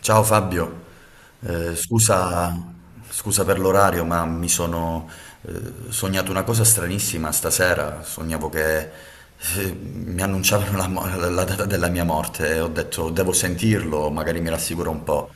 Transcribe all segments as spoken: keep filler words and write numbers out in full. Ciao Fabio. Eh, scusa, Scusa per l'orario, ma mi sono eh, sognato una cosa stranissima stasera. Sognavo che eh, mi annunciavano la, mo- la data della mia morte e ho detto devo sentirlo, magari mi rassicura un po'.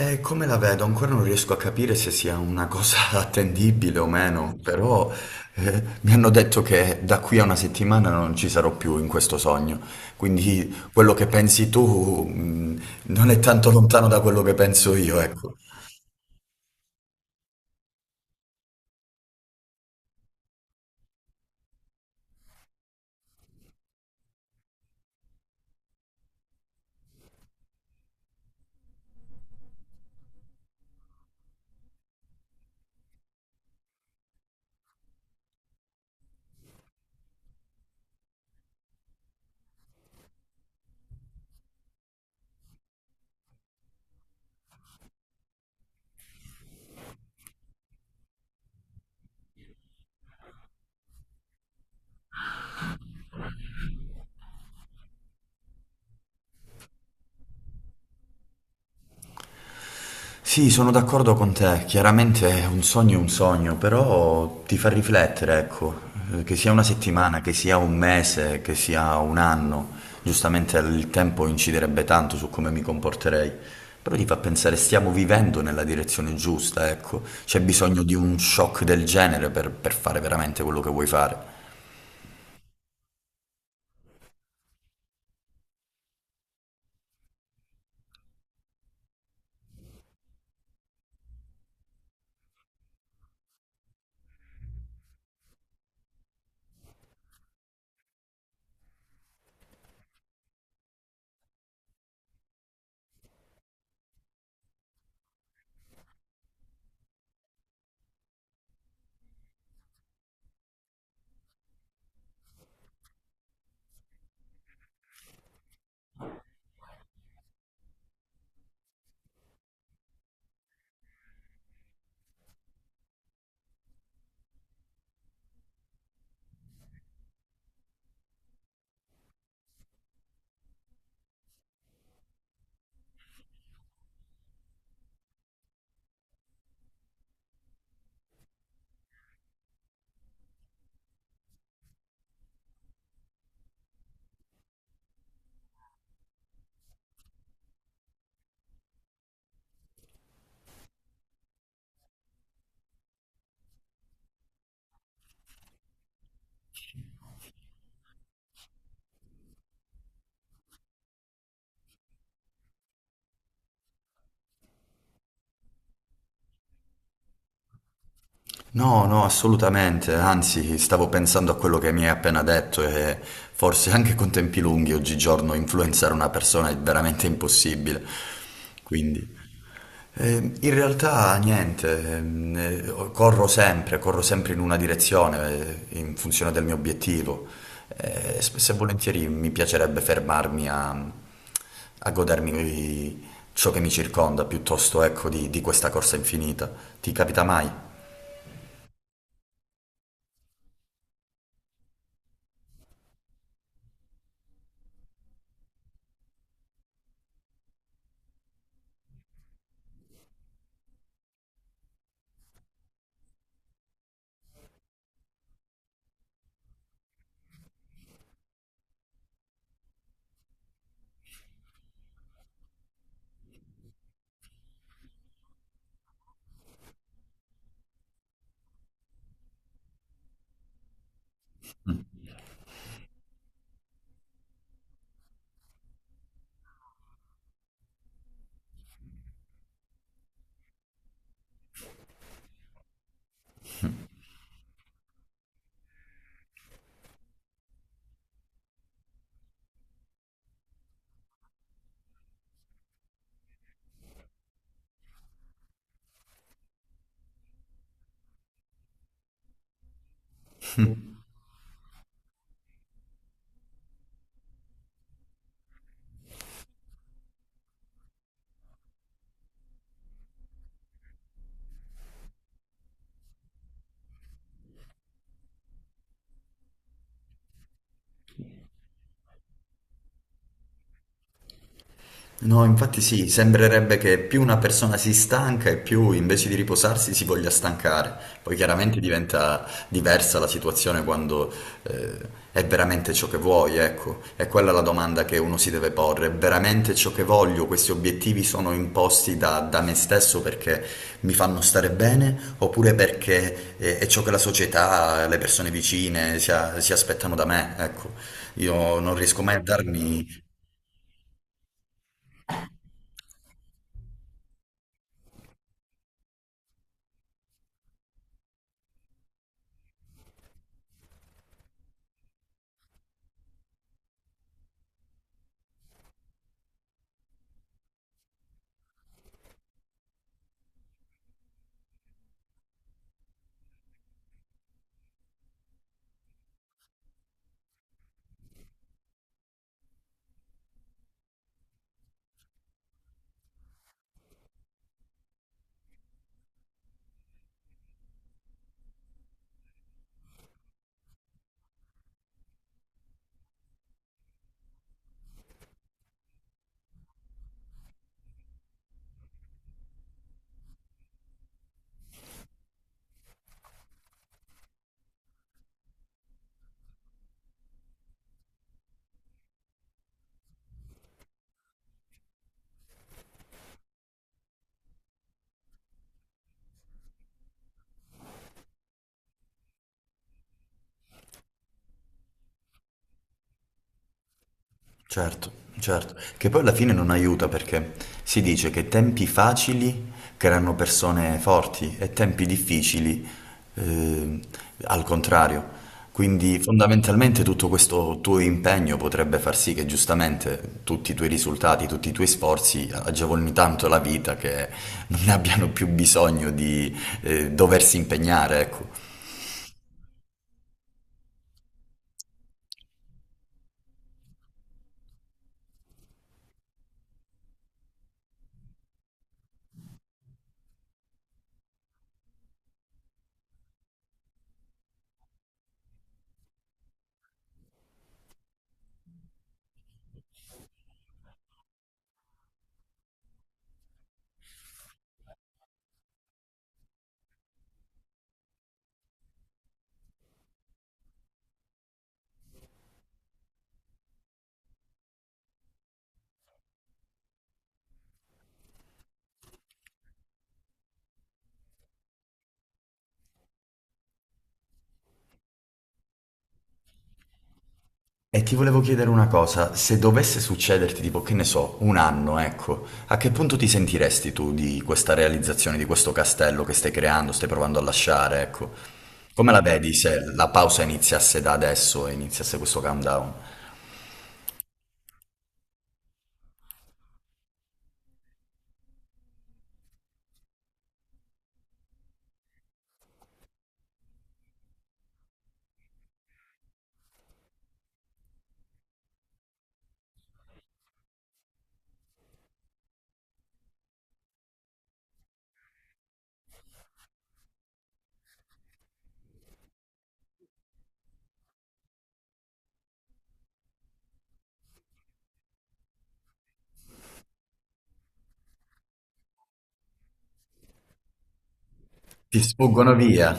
Eh, come la vedo? Ancora non riesco a capire se sia una cosa attendibile o meno, però eh, mi hanno detto che da qui a una settimana non ci sarò più in questo sogno, quindi quello che pensi tu mh, non è tanto lontano da quello che penso io, ecco. Sì, sono d'accordo con te, chiaramente un sogno è un sogno, però ti fa riflettere, ecco. Eh, che sia una settimana, che sia un mese, che sia un anno, giustamente il tempo inciderebbe tanto su come mi comporterei, però ti fa pensare stiamo vivendo nella direzione giusta, ecco, c'è bisogno di un shock del genere per, per fare veramente quello che vuoi fare. No, no, assolutamente, anzi, stavo pensando a quello che mi hai appena detto e forse anche con tempi lunghi oggigiorno influenzare una persona è veramente impossibile. Quindi, eh, in realtà niente, ehm, eh, corro sempre, corro sempre in una direzione, eh, in funzione del mio obiettivo. Eh, spesso e volentieri mi piacerebbe fermarmi a, a godermi ciò che mi circonda piuttosto, ecco, di di questa corsa infinita. Ti capita mai? No, infatti sì, sembrerebbe che più una persona si stanca e più invece di riposarsi si voglia stancare. Poi chiaramente diventa diversa la situazione quando eh, è veramente ciò che vuoi, ecco. È quella la domanda che uno si deve porre. È veramente ciò che voglio? Questi obiettivi sono imposti da, da me stesso perché mi fanno stare bene oppure perché eh, è ciò che la società, le persone vicine si, a- si aspettano da me, ecco. Io non riesco mai a darmi. Certo, certo, che poi alla fine non aiuta perché si dice che tempi facili creano persone forti e tempi difficili eh, al contrario. Quindi fondamentalmente tutto questo tuo impegno potrebbe far sì che giustamente tutti i tuoi risultati, tutti i tuoi sforzi agevolino tanto la vita che non ne abbiano più bisogno di eh, doversi impegnare, ecco. E ti volevo chiedere una cosa, se dovesse succederti, tipo, che ne so, un anno, ecco, a che punto ti sentiresti tu di questa realizzazione, di questo castello che stai creando, stai provando a lasciare, ecco? Come la vedi se la pausa iniziasse da adesso e iniziasse questo countdown? Ti sfuggono via?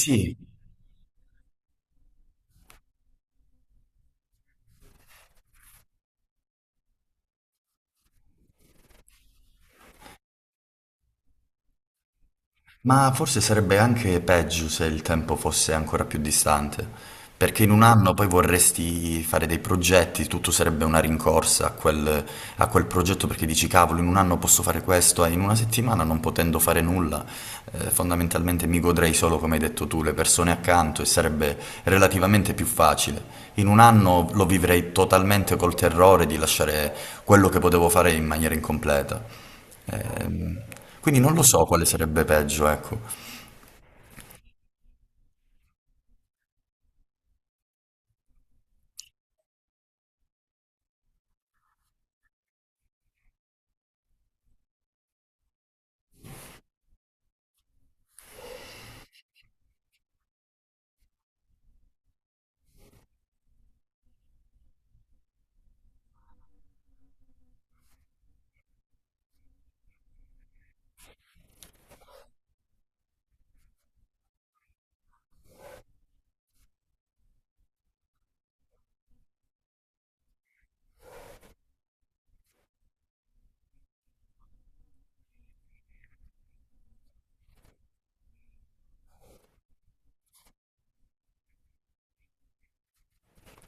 Sì. Ma forse sarebbe anche peggio se il tempo fosse ancora più distante, perché in un anno poi vorresti fare dei progetti, tutto sarebbe una rincorsa a quel, a quel progetto perché dici cavolo, in un anno posso fare questo, e in una settimana non potendo fare nulla, eh, fondamentalmente mi godrei solo, come hai detto tu, le persone accanto e sarebbe relativamente più facile. In un anno lo vivrei totalmente col terrore di lasciare quello che potevo fare in maniera incompleta. Ehm, quindi non lo so quale sarebbe peggio, ecco.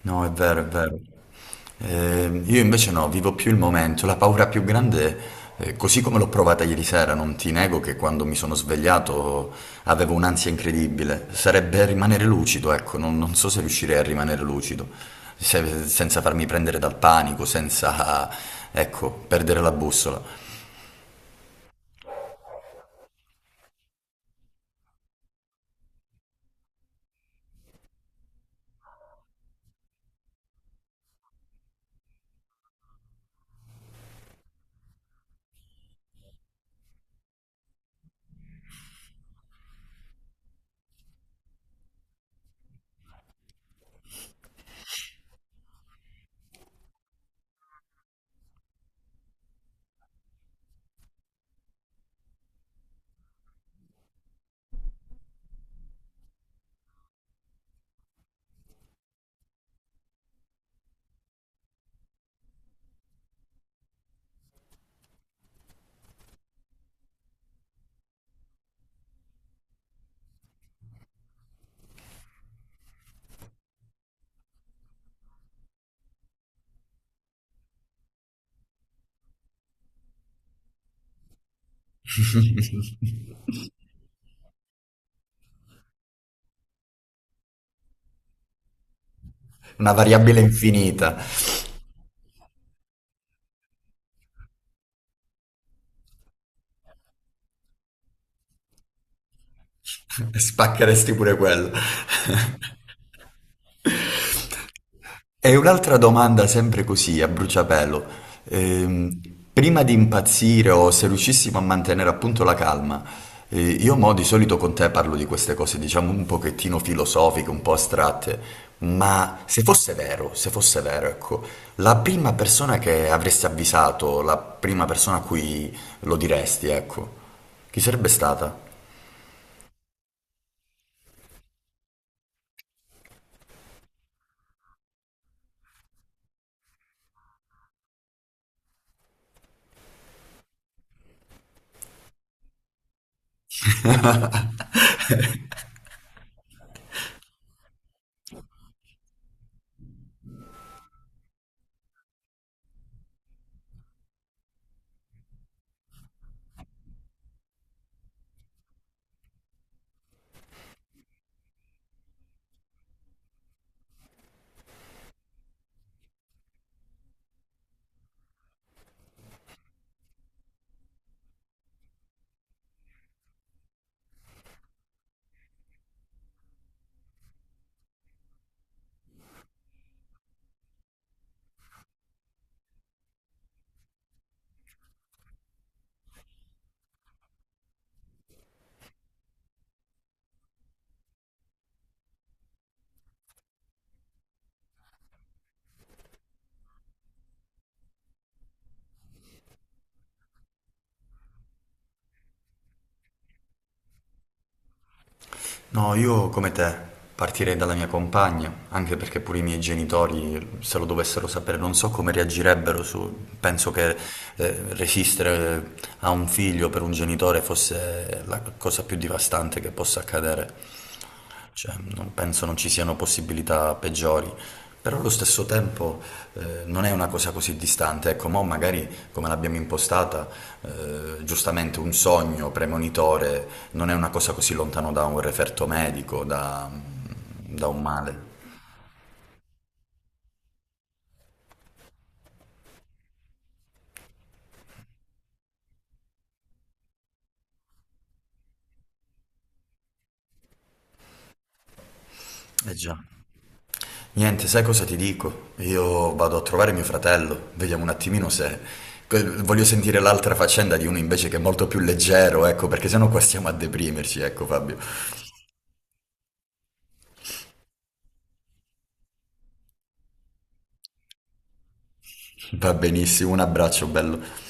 No, è vero, è vero. Ehm, io invece no, vivo più il momento. La paura più grande, eh, così come l'ho provata ieri sera, non ti nego che quando mi sono svegliato avevo un'ansia incredibile. Sarebbe rimanere lucido, ecco, non, non so se riuscirei a rimanere lucido, se- senza farmi prendere dal panico, senza, ecco, perdere la bussola. Una variabile infinita. Spaccheresti pure quello. E un'altra domanda sempre così, a bruciapelo. Ehm, Prima di impazzire o se riuscissimo a mantenere appunto la calma, eh, io mo di solito con te parlo di queste cose, diciamo un pochettino filosofiche, un po' astratte, ma se fosse vero, se fosse vero, ecco, la prima persona che avresti avvisato, la prima persona a cui lo diresti, ecco, chi sarebbe stata? No, io come te partirei dalla mia compagna, anche perché pure i miei genitori, se lo dovessero sapere, non so come reagirebbero su... Penso che eh, resistere eh, a un figlio per un genitore fosse la cosa più devastante che possa accadere. Cioè, non penso non ci siano possibilità peggiori, però allo stesso tempo eh, non è una cosa così distante. Ecco, mo magari come l'abbiamo impostata, eh, giustamente un sogno premonitore non è una cosa così lontano da un referto medico, da, da un male. Eh già. Niente, sai cosa ti dico? Io vado a trovare mio fratello, vediamo un attimino se... que- Voglio sentire l'altra faccenda di uno invece che è molto più leggero, ecco, perché sennò qua stiamo a deprimerci, ecco Fabio. Va benissimo, un abbraccio bello.